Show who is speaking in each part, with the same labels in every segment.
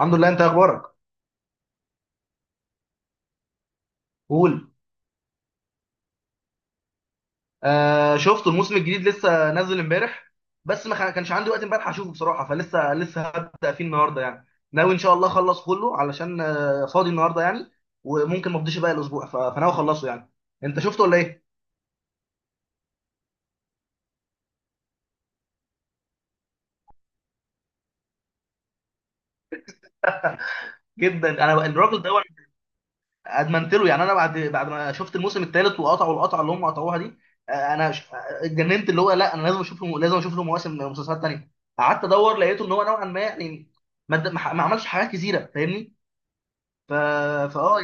Speaker 1: الحمد لله، انت اخبارك؟ قول. آه، شفته. الموسم الجديد لسه نازل امبارح. بس ما خ- كانش عندي وقت امبارح اشوفه بصراحه، فلسه هبدا فيه النهارده يعني. ناوي ان شاء الله اخلص كله علشان فاضي النهارده يعني. وممكن ما افضيش باقي الاسبوع، فناوي اخلصه يعني. انت شفته ولا ايه؟ جدا. الراجل ده أنا، ادمنت له يعني. انا بعد ما شفت الموسم الثالث وقطعوا القطعه اللي هم قطعوها دي. آه، اتجننت، اللي هو لا، انا لازم اشوف له، مواسم مسلسلات تانيه. قعدت ادور، لقيته ان هو نوعا ما يعني، ما ما عملش حاجات كثيره، فاهمني؟ ف... فاه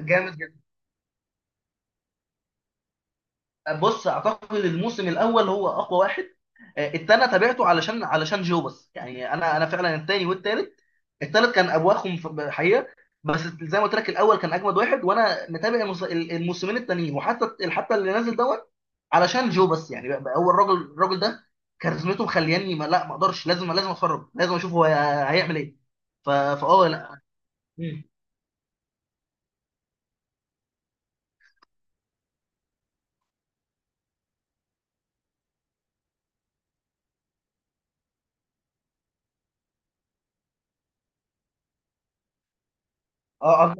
Speaker 1: جامد جدا. بص، اعتقد الموسم الاول هو اقوى واحد. آه، التاني تابعته علشان جو بس يعني، انا فعلا التاني والتالت. التالت كان ابواخهم حقيقه. بس زي ما قلت لك، الاول كان اجمد واحد، وانا متابع الموسمين التانيين، وحتى اللي نازل دوت، علشان جو بس يعني. بقى هو الراجل الراجل ده، كاريزمته مخلياني ما اقدرش، لازم اتفرج، لازم اشوف هو هيعمل ايه. ف... فاه لا. مم. اه،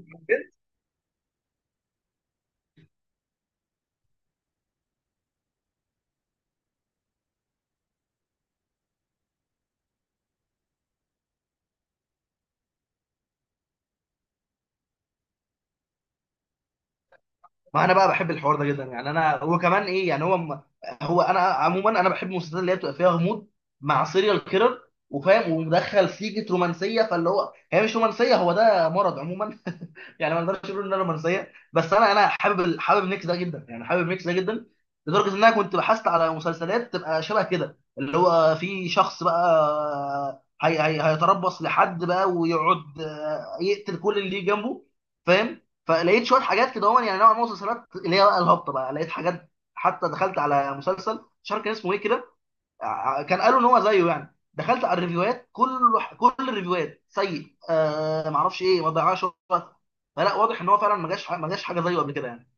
Speaker 1: ما انا بقى بحب الحوار ده جدا يعني، انا وكمان ايه يعني هو. هو انا عموما، بحب المسلسلات اللي هي بتبقى فيها غموض، مع سيريال كيرر، وفاهم، ومدخل سيجة رومانسيه، فاللي هو هي مش رومانسيه، هو ده مرض عموما يعني ما نقدرش نقول انها رومانسيه، بس انا حابب حابب الميكس ده جدا يعني، حابب الميكس ده جدا. لدرجه ان انا كنت بحثت على مسلسلات تبقى شبه كده، اللي هو في شخص بقى هي هي هيتربص لحد بقى، ويقعد يقتل كل اللي جنبه، فاهم؟ فلقيت شويه حاجات كده هون، يعني نوع من المسلسلات اللي هي بقى الهبطه، بقى لقيت حاجات، حتى دخلت على مسلسل مش عارف كان اسمه ايه كده. كان قالوا ان هو زيه يعني، دخلت على الريفيوهات، كل الريفيوهات سيء، ما اعرفش ايه، ما ضيعش وقت. فلا، واضح ان هو فعلا ما جاش ما جاش حاجه زيه قبل كده يعني.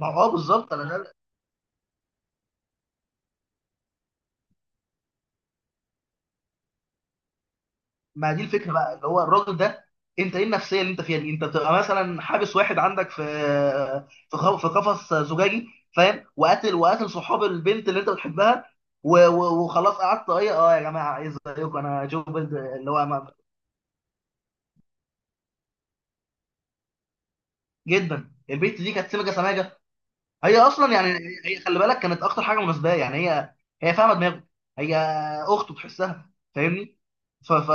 Speaker 1: ما هو اه بالظبط، انا ده. ما دي الفكره بقى، اللي هو الراجل ده. انت ايه النفسيه اللي انت فيها دي؟ انت بتبقى مثلا حابس واحد عندك في، في قفص زجاجي، فاهم؟ وقاتل وقاتل صحاب البنت اللي انت بتحبها، وخلاص، قعدت ايه اه يا جماعه ايه زيكم، انا جو بيلد اللي هو جدا. البنت دي كانت سمجه سماجه هي اصلا يعني، هي خلي بالك كانت اكتر حاجه مناسبه يعني هي، هي فاهمه دماغه، هي اخته تحسها، فاهمني؟ ف... ف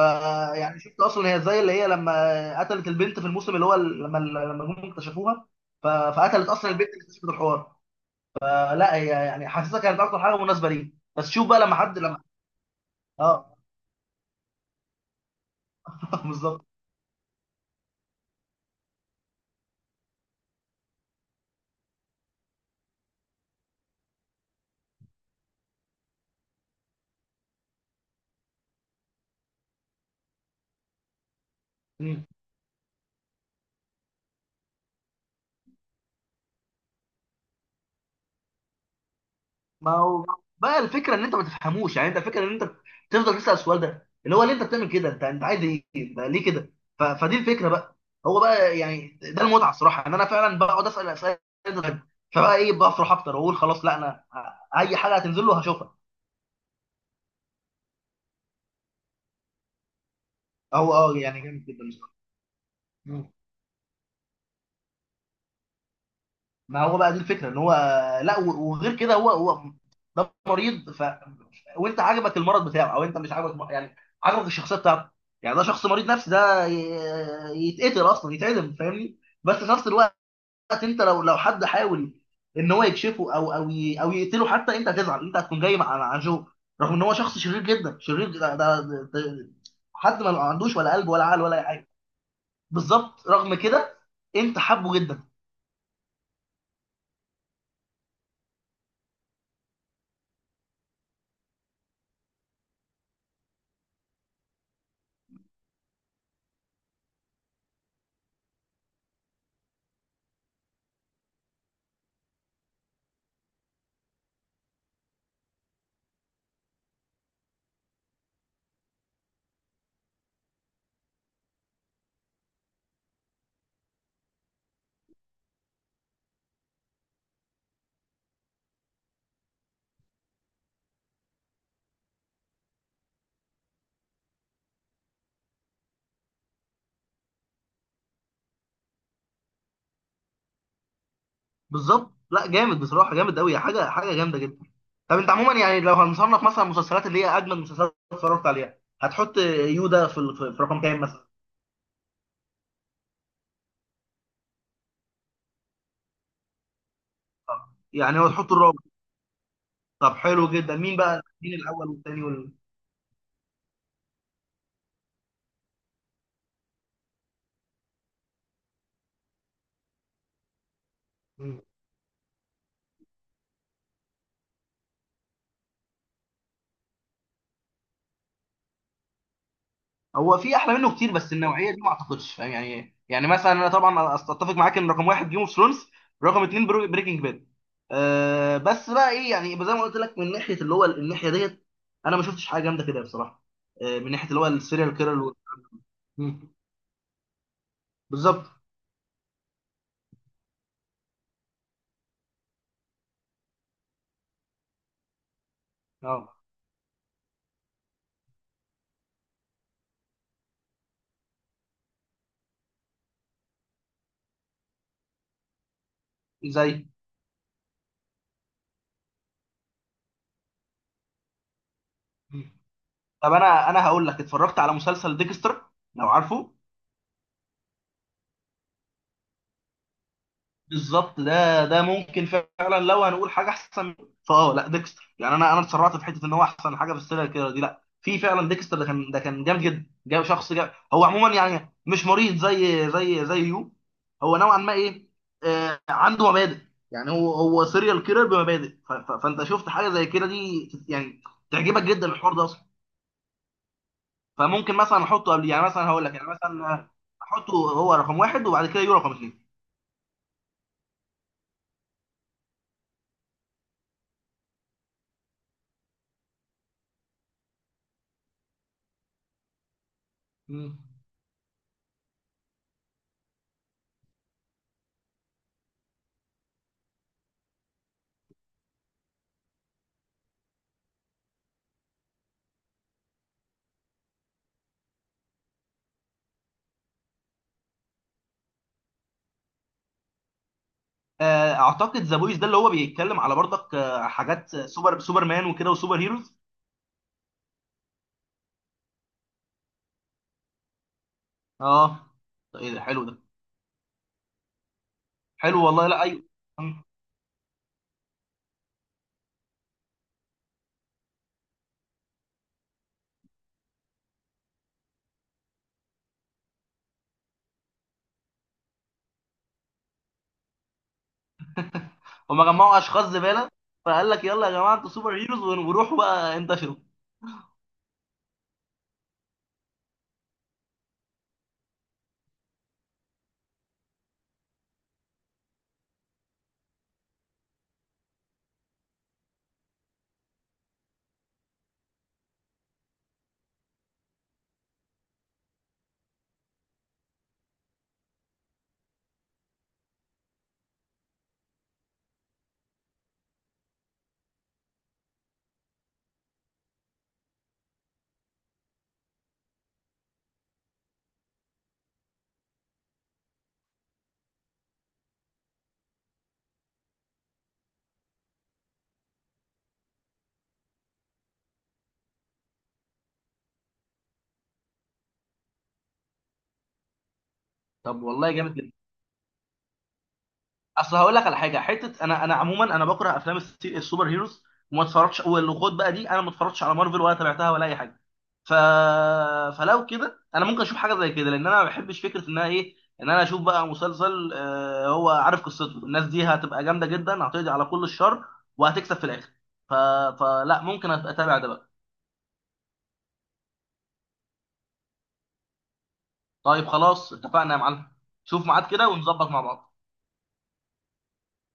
Speaker 1: يعني شفت اصلا هي، زي اللي هي لما قتلت البنت في الموسم اللي هو لما هم اكتشفوها. فقتلت اصلا البنت اللي اكتشفت الحوار. فلا، هي يعني حاسسها كانت اكتر حاجه مناسبه ليه. بس شوف بقى لما حد لما، اه بالظبط. ما هو بقى الفكره ان انت ما تفهموش يعني، انت الفكره ان انت تفضل تسال السؤال ده، اللي هو ليه انت بتعمل كده، انت عايز ايه؟ ده ليه كده؟ فدي الفكره بقى. هو بقى يعني ده المتعه الصراحه، ان انا فعلا بقعد اسال اسئله غريبة. فبقى ايه، بفرح اكتر واقول خلاص لا انا، اي حاجه هتنزل له هشوفها. هو اه يعني جامد جدا بصراحه. ما هو بقى دي الفكره ان هو، لا، وغير كده هو هو ده مريض. وانت عجبك المرض بتاعه، او انت مش عجبك يعني، عجبك الشخصيه بتاعته؟ يعني ده شخص مريض نفسي، ده يتقتل اصلا، يتعدم، فاهمني؟ بس في نفس الوقت، انت لو حد حاول ان هو يكشفه او يقتله حتى، انت هتزعل، انت هتكون جاي مع جو، رغم ان هو شخص شرير جدا، شرير ده, ده, ده, ده، حد ما عندوش ولا قلب ولا عقل ولا اي حاجه، بالظبط رغم كده. انت حبه جدا، بالظبط. لا جامد بصراحه، جامد قوي، حاجه حاجه جامده جدا. طب انت عموما يعني، لو هنصنف مثلا المسلسلات اللي هي اجمد مسلسلات اتفرجت عليها، هتحط يودا في في رقم كام مثلا؟ يعني هو تحط الرابع؟ طب حلو جدا، مين بقى، مين الاول والثاني وال...؟ هو في احلى منه كتير، بس النوعيه دي ما اعتقدش، فاهم يعني؟ مثلا انا طبعا اتفق معاك ان رقم واحد جيم اوف ثرونز، رقم اتنين بريكنج باد. أه، بس بقى ايه يعني، زي ما قلت لك من ناحيه اللي هو الناحيه ديت، انا ما شفتش حاجه جامده كده بصراحه، أه، من ناحيه اللي هو السيريال كيرل. بالظبط. اه، زي. مم. طب انا هقول لك، اتفرجت على مسلسل ديكستر، لو عارفه؟ بالظبط، ده ده ممكن فعلا لو هنقول حاجه احسن منه. لا ديكستر، يعني انا اتسرعت في حته ان هو احسن حاجه في السيريال كيلر دي، لا في فعلا ديكستر ده كان، جامد جدا، جاب شخص، هو عموما يعني مش مريض زي يو، هو نوعا ما ايه، آه عنده مبادئ، يعني هو هو سيريال كيلر بمبادئ. فانت شفت حاجه زي كده دي يعني، تعجبك جدا الحوار ده اصلا. فممكن مثلا احطه قبل يعني، مثلا هقول لك يعني، مثلا احطه هو رقم واحد، وبعد كده يو رقم اثنين. آه، اعتقد ذا بويز ده اللي هو بيتكلم على برضك حاجات سوبرمان وكده وسوبر هيروز. اه. طيب ايه ده، حلو ده. حلو والله. لا، ايوه. مم. هما جمعوا اشخاص زباله، فقال لك يلا يا جماعه، انتوا سوبر هيروز وروحوا بقى انتشروا. طب والله جامد جدا. اصل هقول لك على حاجه حته، انا عموما انا بكره افلام السوبر هيروز، وما اتفرجش، والخد بقى دي انا ما اتفرجتش على مارفل ولا تابعتها ولا اي حاجه. ف فلو كده انا ممكن اشوف حاجه زي كده، لان انا ما بحبش فكره انها ايه، ان انا اشوف بقى مسلسل هو عارف قصته، الناس دي هتبقى جامده جدا، هتقضي على كل الشر وهتكسب في الاخر. ف... فلا ممكن اتابع ده بقى. طيب خلاص اتفقنا يا معلم، شوف ميعاد كده ونظبط مع بعض.